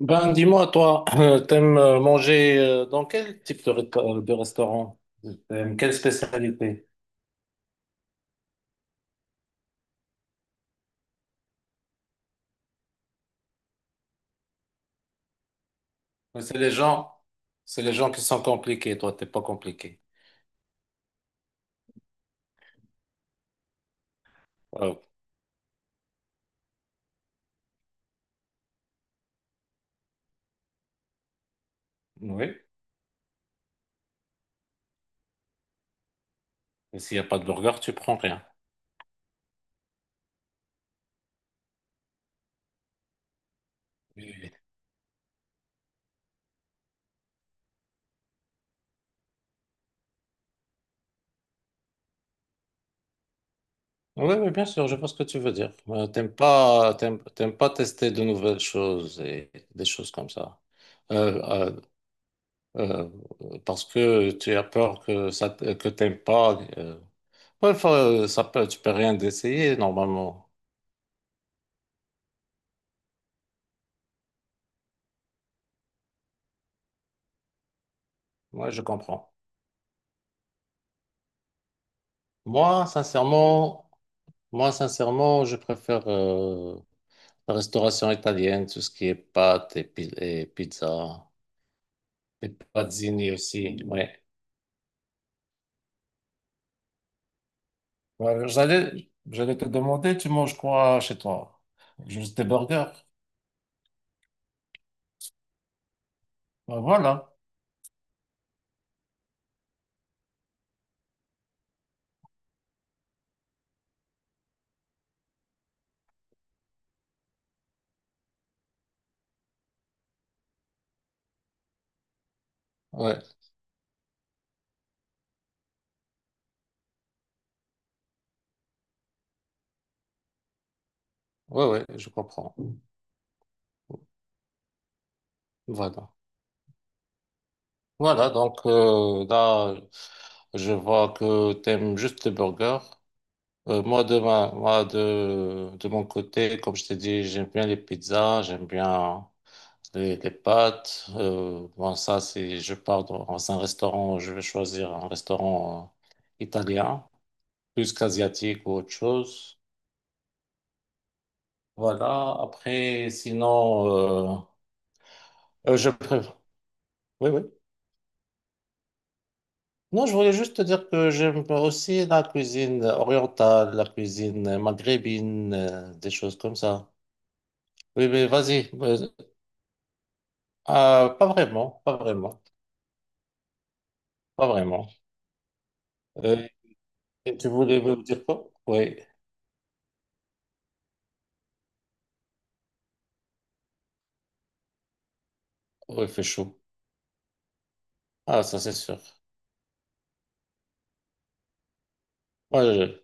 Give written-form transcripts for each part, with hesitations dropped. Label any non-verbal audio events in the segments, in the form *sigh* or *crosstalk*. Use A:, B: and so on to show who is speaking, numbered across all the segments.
A: Ben, dis-moi, toi, t'aimes manger dans quel type de, de restaurant? T'aimes quelle spécialité? Ouais, c'est les gens, c'est les gens qui sont compliqués. Toi, t'es pas compliqué. Euh, oui. Et s'il n'y a pas de burger, tu prends rien. Oui, oui. Oui, oui, bien sûr, je vois ce que tu veux dire. T'aimes pas, t'aimes pas tester de nouvelles choses et des choses comme ça. Euh, euh, parce que tu as peur que ça, que t'aimes pas. Ouais, enfin, ça peut, tu peux rien d'essayer normalement. Ouais, je comprends. Moi, sincèrement, moi, sincèrement, je préfère la restauration italienne, tout ce qui est pâtes et, et pizza, et pazzini aussi. Ouais. Ouais, j'allais te demander, tu manges quoi chez toi? Juste des burgers. Ben voilà. Ouais, ouais, ouais, je comprends. Voilà. Voilà, donc là, je vois que t'aimes juste les burgers. Moi, moi de mon côté, comme je t'ai dit, j'aime bien les pizzas, j'aime bien les pâtes. Bon, ça, c'est je pars dans un restaurant, je vais choisir un restaurant italien, plus qu'asiatique ou autre chose. Voilà, après, sinon, euh, je préfère. Oui, oui. Non, je voulais juste te dire que j'aime aussi la cuisine orientale, la cuisine maghrébine, des choses comme ça. Oui, mais vas-y. Ah, pas vraiment, pas vraiment. Ok. Et tu voulais me dire quoi? Oui, oui, il fait chaud. Ah, ça c'est sûr. Moi, je-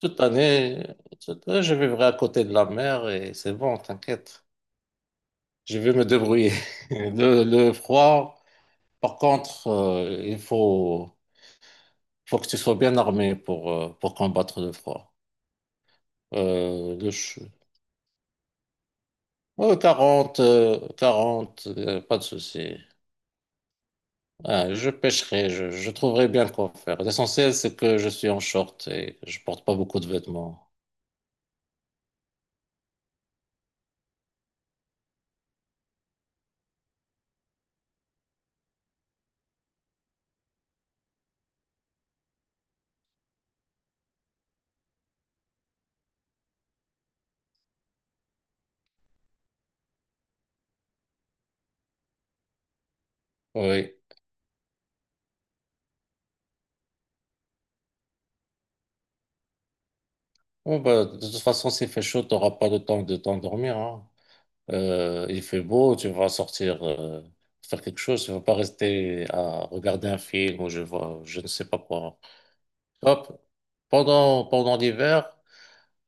A: toute l'année, je vivrai à côté de la mer et c'est bon, t'inquiète. Je vais me débrouiller. *laughs* Le froid, par contre, il faut, faut que tu sois bien armé pour combattre le froid. Euh, le ch- ouais, 40, 40, pas de souci. Ah, je pêcherai, je trouverai bien quoi faire. L'essentiel, c'est que je suis en short et je porte pas beaucoup de vêtements. Oui. Bon, bah, de toute façon, s'il fait chaud, tu n'auras pas le temps de t'endormir, hein. Il fait beau, tu vas sortir faire quelque chose. Tu ne vas pas rester à regarder un film ou je vois, je ne sais pas quoi. Hop. Pendant l'hiver,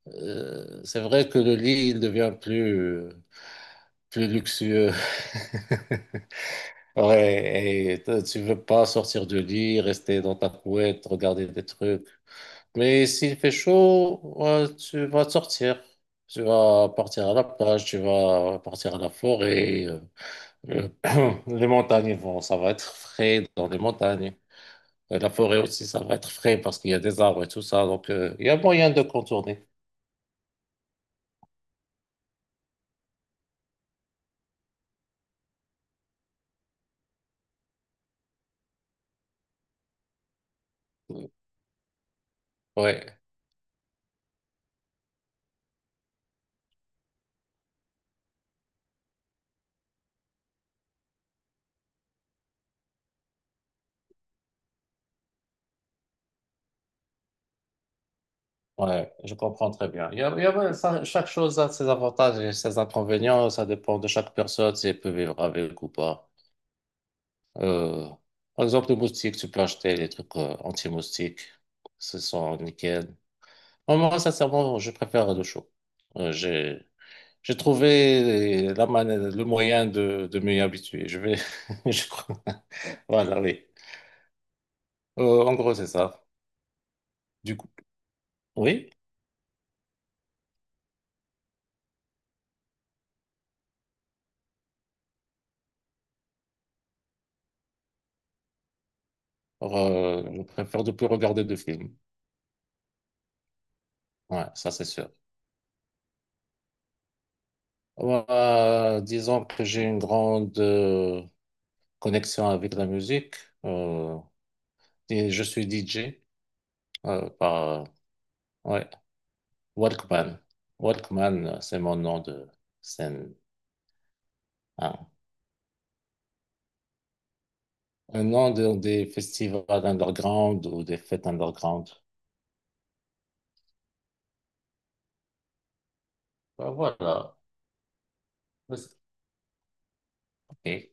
A: c'est vrai que le lit, il devient plus, plus luxueux. *laughs* Ouais, tu veux pas sortir du lit, rester dans ta couette, regarder des trucs. Mais s'il fait chaud, ouais, tu vas sortir. Tu vas partir à la plage, tu vas partir à la forêt. Euh, *clears throat* les montagnes vont, ça va être frais dans les montagnes. Et la forêt aussi, ça va être frais parce qu'il y a des arbres et tout ça. Donc, il y a moyen de contourner. Ouais. Ouais, je comprends très bien. Ouais, ça- chaque chose a ses avantages et ses inconvénients. Ça dépend de chaque personne si elle peut vivre avec ou pas. Euh, par exemple, les moustiques, tu peux acheter des trucs anti-moustiques. Ce sont nickel. Moi, sincèrement, je préfère le chaud. Euh, j'ai, j'ai trouvé le moyen de m'y habituer. *laughs* Je crois. Voilà, oui. En gros, c'est ça. Du coup, oui, je préfère de plus regarder de films. Ouais, ça, c'est sûr. Disons que j'ai une grande connexion avec la musique. Euh, et je suis DJ par ouais, Walkman. Walkman, c'est mon nom de scène. Ah, Un nom de- des festivals underground ou des fêtes underground. Ben voilà. Ok.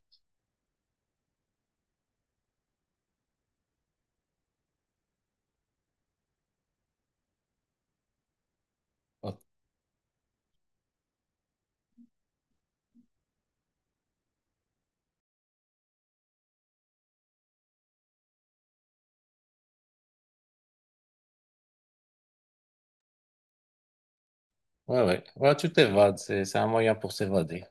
A: Ouais, ouais. Ouais, tu t'évades. C'est un moyen pour s'évader.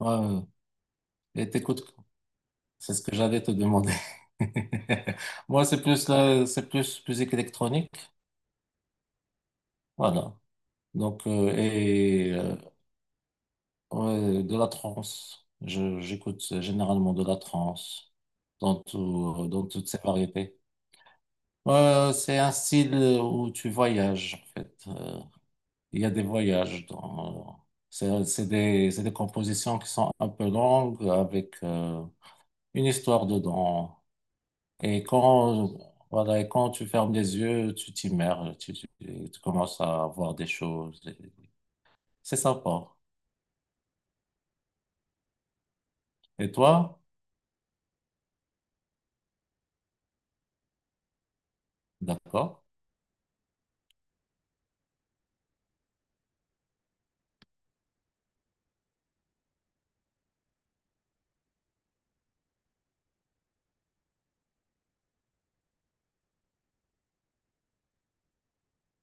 A: Ouais, ouais. Et t'écoutes c'est ce que j'allais te demander. *laughs* Moi, c'est plus musique électronique. Voilà. Donc, ouais, de la trance. J'écoute généralement de la trance dans toutes ses variétés. C'est un style où tu voyages, en fait. Il y a des voyages dans, c'est des compositions qui sont un peu longues avec une histoire dedans. Et quand, voilà, et quand tu fermes les yeux, tu t'immerges, tu commences à voir des choses. Et c'est sympa. Et toi? D'accord.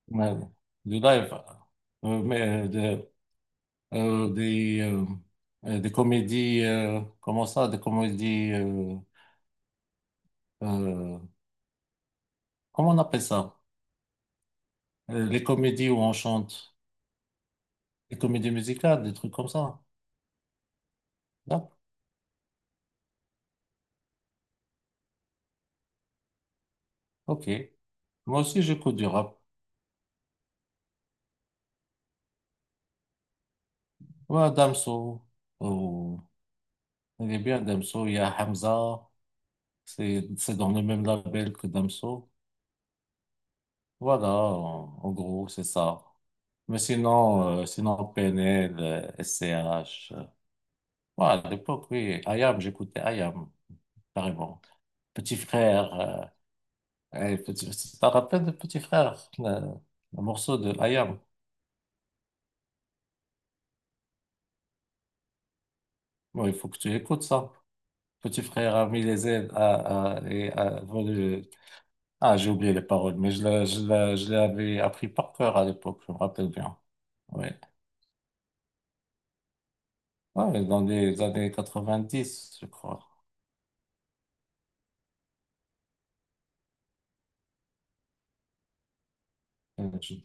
A: Mais du live, mais de- euh, des, euh, des comédies, comment ça, des comédies, euh, comment on appelle ça? Les comédies où on chante, les comédies musicales, des trucs comme ça. D'accord. Ok. Moi aussi, j'écoute du rap. Ouais, Damso. Il est bien Damso, il y a Hamza, c'est dans le même label que Damso. Voilà, en gros, c'est ça. Mais sinon, sinon PNL, SCH. Voilà, à l'époque, oui, IAM, j'écoutais IAM, carrément. Petit frère, tu te rappelles de Petit frère, le morceau de IAM? Bon, il faut que tu écoutes ça. Petit frère a mis les ailes et a volé. Ah, j'ai oublié les paroles, mais je l'avais appris par cœur à l'époque, je me rappelle bien. Ouais. Ouais, dans les années 1990, je crois. Euh, je-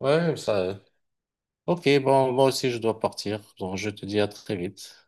A: Ouais, ça. Ok, bon, moi aussi, je dois partir. Donc, je te dis à très vite.